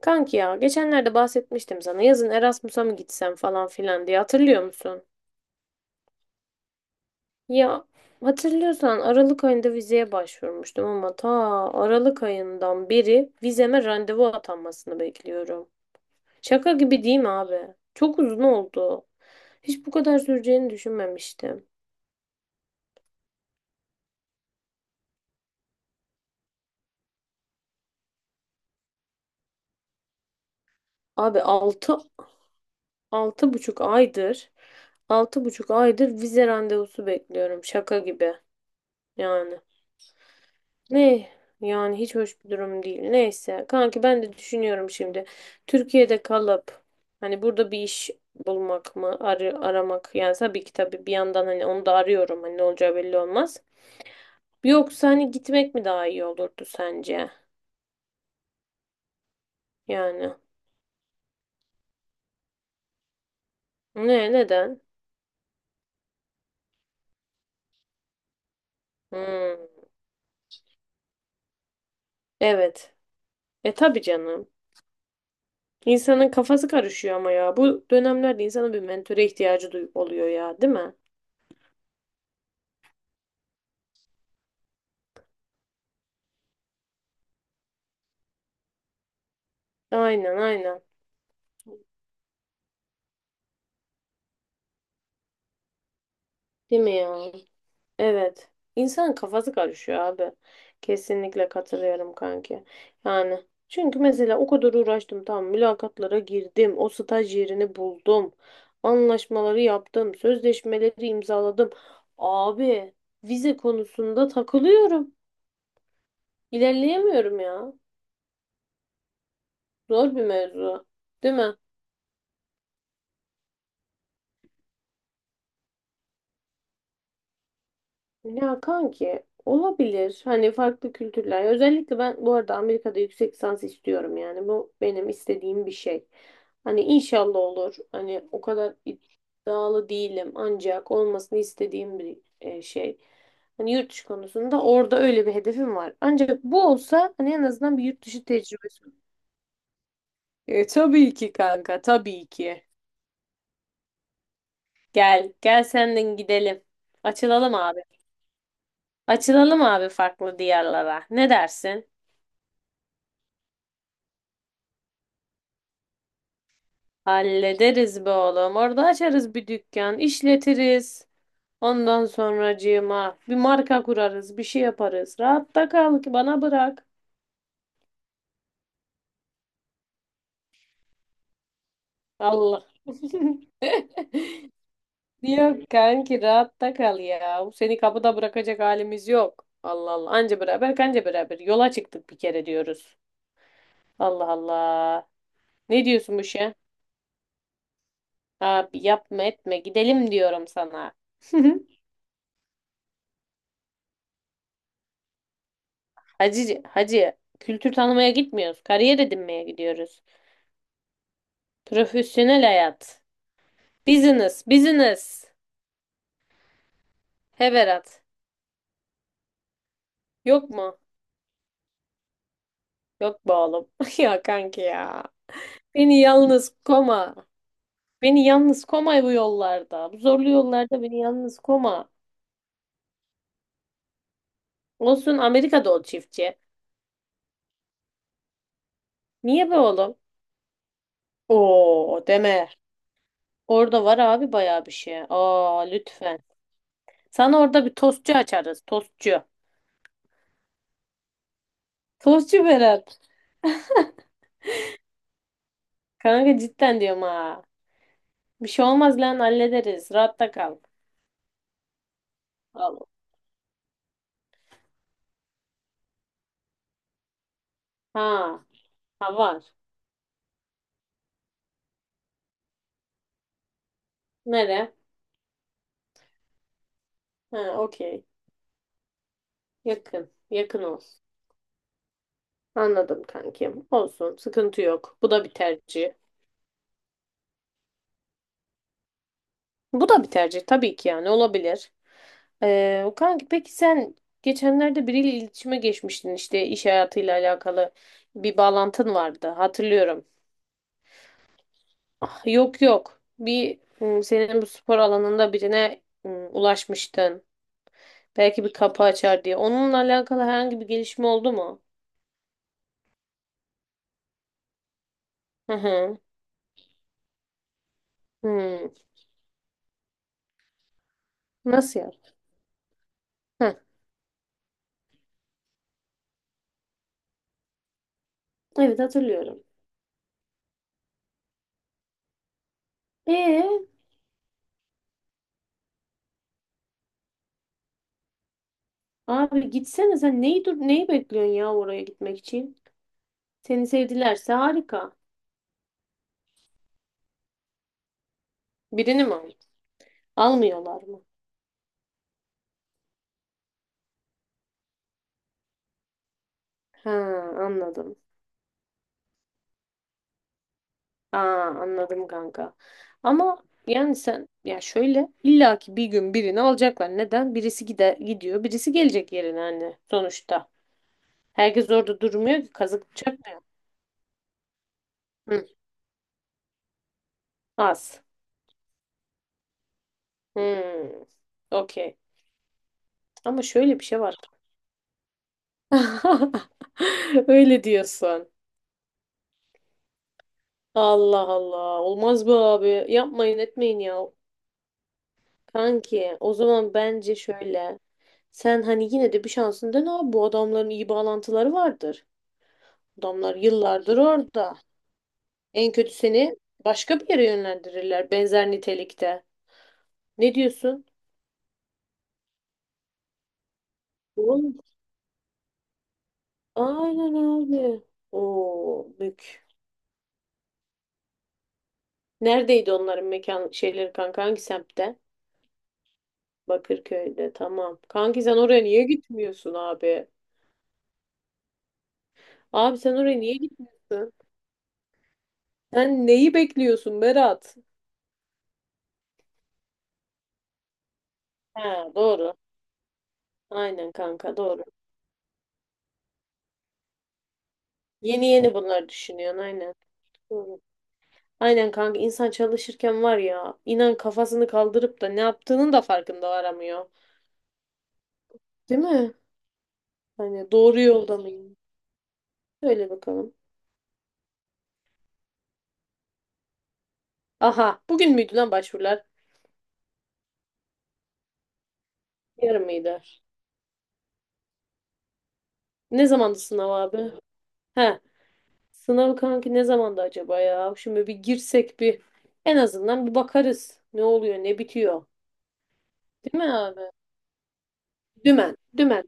Kanki ya geçenlerde bahsetmiştim sana yazın Erasmus'a mı gitsem falan filan diye hatırlıyor musun? Ya hatırlıyorsan Aralık ayında vizeye başvurmuştum ama ta Aralık ayından beri vizeme randevu atanmasını bekliyorum. Şaka gibi değil mi abi? Çok uzun oldu. Hiç bu kadar süreceğini düşünmemiştim. Abi altı buçuk aydır altı buçuk aydır vize randevusu bekliyorum. Şaka gibi yani. Ne? Yani hiç hoş bir durum değil. Neyse. Kanki ben de düşünüyorum şimdi. Türkiye'de kalıp hani burada bir iş bulmak mı, aramak yani tabii ki tabii bir yandan hani onu da arıyorum. Hani ne olacağı belli olmaz. Yoksa hani gitmek mi daha iyi olurdu sence? Yani. Ne? Neden? Hmm. Evet. E tabii canım. İnsanın kafası karışıyor ama ya. Bu dönemlerde insanın bir mentöre ihtiyacı duy oluyor ya, değil mi? Aynen, aynen. Değil mi ya? Evet. İnsanın kafası karışıyor abi. Kesinlikle katılıyorum kanki. Yani çünkü mesela o kadar uğraştım tamam mülakatlara girdim. O staj yerini buldum. Anlaşmaları yaptım. Sözleşmeleri imzaladım. Abi vize konusunda takılıyorum. İlerleyemiyorum ya. Zor bir mevzu. Değil mi? Ya kanki olabilir. Hani farklı kültürler. Özellikle ben bu arada Amerika'da yüksek lisans istiyorum yani. Bu benim istediğim bir şey. Hani inşallah olur. Hani o kadar iddialı değilim ancak olmasını istediğim bir şey. Hani yurt dışı konusunda orada öyle bir hedefim var. Ancak bu olsa hani en azından bir yurt dışı tecrübesi. E, tabii ki kanka, tabii ki. Gel, gel senden gidelim. Açılalım abi. Açılalım abi farklı diyarlara. Ne dersin? Hallederiz be oğlum. Orada açarız bir dükkan, işletiriz. Ondan sonracığıma bir marka kurarız, bir şey yaparız. Rahatta kal ki bana bırak. Allah. Yok kanki rahatta kal ya. Seni kapıda bırakacak halimiz yok. Allah Allah. Anca beraber kanca beraber. Yola çıktık bir kere diyoruz. Allah Allah. Ne diyorsun bu şey? Abi yapma etme gidelim diyorum sana. Hacı, hacı kültür tanımaya gitmiyoruz. Kariyer edinmeye gidiyoruz. Profesyonel hayat. Business, business. He Berat. Yok mu? Yok be oğlum. Ya kanki ya. Beni yalnız koma. Beni yalnız koma bu yollarda. Bu zorlu yollarda beni yalnız koma. Olsun Amerika'da ol çiftçi. Niye be oğlum? Oo deme. Orada var abi bayağı bir şey. Aa lütfen. Sana orada bir tostçu açarız. Tostçu. Tostçu Berat. Kanka cidden diyorum ha. Bir şey olmaz lan hallederiz. Rahatta kal. Al. Ha. Ha var. Nere? Ha okey. Yakın. Yakın olsun. Anladım kankim. Olsun. Sıkıntı yok. Bu da bir tercih. Bu da bir tercih tabii ki yani olabilir. Kanki peki sen geçenlerde biriyle iletişime geçmiştin işte iş hayatıyla alakalı bir bağlantın vardı hatırlıyorum. Ah, yok yok. Senin bu spor alanında birine ulaşmıştın. Belki bir kapı açar diye. Onunla alakalı herhangi bir gelişme oldu mu? Hı hı. Hı. Nasıl ya? Evet hatırlıyorum. E abi gitsene sen neyi dur neyi bekliyorsun ya oraya gitmek için? Seni sevdilerse harika. Birini mi al- almıyorlar mı? Ha anladım. Aa anladım kanka. Ama yani sen ya şöyle illaki bir gün birini alacaklar. Neden? Birisi gide gidiyor, birisi gelecek yerine hani sonuçta. Herkes orada durmuyor ki kazık çakmıyor. Hı, az. Hmm, okey. Ama şöyle bir şey var. Öyle diyorsun. Allah Allah. Olmaz be abi. Yapmayın etmeyin ya. Kanki o zaman bence şöyle. Sen hani yine de bir şansın dene abi. Bu adamların iyi bağlantıları vardır. Adamlar yıllardır orada. En kötü seni başka bir yere yönlendirirler benzer nitelikte. Ne diyorsun? Oğlum, aynen abi. Oo, bük. Neredeydi onların mekan şeyleri kanka? Hangi semtte? Bakırköy'de. Tamam. Kanki sen oraya niye gitmiyorsun abi? Abi sen oraya niye gitmiyorsun? Sen neyi bekliyorsun Berat? Ha, doğru. Aynen kanka doğru. Yeni yeni bunları düşünüyorsun aynen. Doğru. Aynen kanka insan çalışırken var ya inan kafasını kaldırıp da ne yaptığının da farkında varamıyor. Değil mi? Hani doğru yolda mıyım? Söyle bakalım. Aha bugün müydü lan başvurular? Yarın mıydı? Ne zamandı sınav abi? He sınav kanki ne zamandı acaba ya? Şimdi bir girsek bir en azından bir bakarız. Ne oluyor ne bitiyor. Değil mi abi? Dümen. Dümen.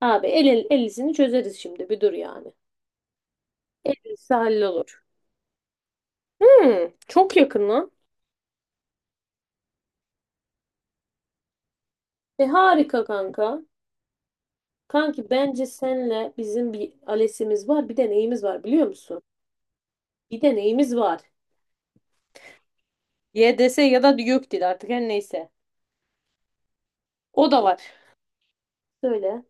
Abi 50'sini çözeriz şimdi bir dur yani. 50'si hallolur. Hmm, çok yakın lan. E harika kanka. Kanki bence senle bizim bir alesimiz var bir de neyimiz var biliyor musun? Bir de neyimiz var. YDS ya da YÖKDİL artık her neyse. O da var. Söyle.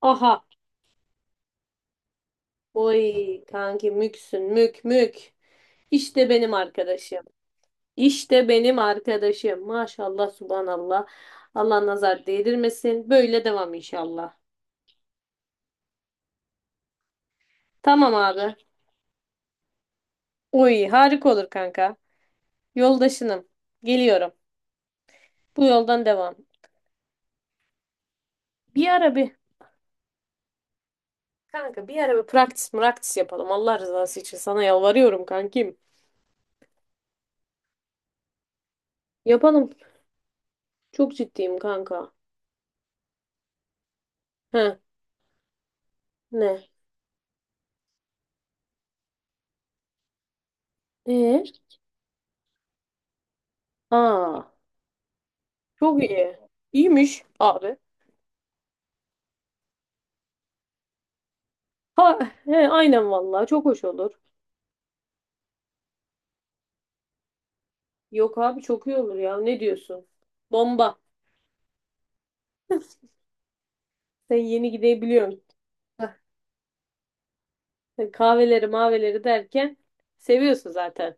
Aha. Oy kanki müksün mük mük. İşte benim arkadaşım. İşte benim arkadaşım. Maşallah subhanallah. Allah nazar değdirmesin. Böyle devam inşallah. Tamam abi. Uy, harika olur kanka. Yoldaşınım. Geliyorum. Bu yoldan devam. Bir ara bir kanka bir ara bir praktis yapalım. Allah rızası için sana yalvarıyorum kankim. Yapalım. Çok ciddiyim kanka. He, ne? E? Aa, çok iyi. İyiymiş abi. Ha, he, aynen vallahi çok hoş olur. Yok abi çok iyi olur ya. Ne diyorsun? Bomba. Sen yeni gidebiliyorsun. Heh. Kahveleri maveleri derken seviyorsun zaten.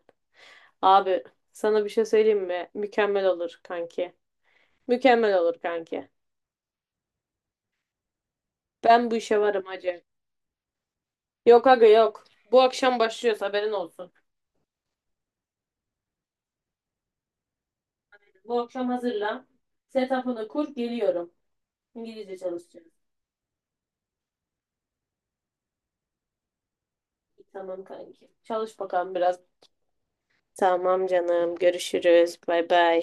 Abi sana bir şey söyleyeyim mi? Mükemmel olur kanki. Mükemmel olur kanki. Ben bu işe varım hacı. Yok aga yok. Bu akşam başlıyoruz haberin olsun. Bu akşam hazırlan. Setup'ını kur geliyorum. İngilizce çalışacağız. Tamam kanki. Çalış bakalım biraz. Tamam canım. Görüşürüz. Bay bay.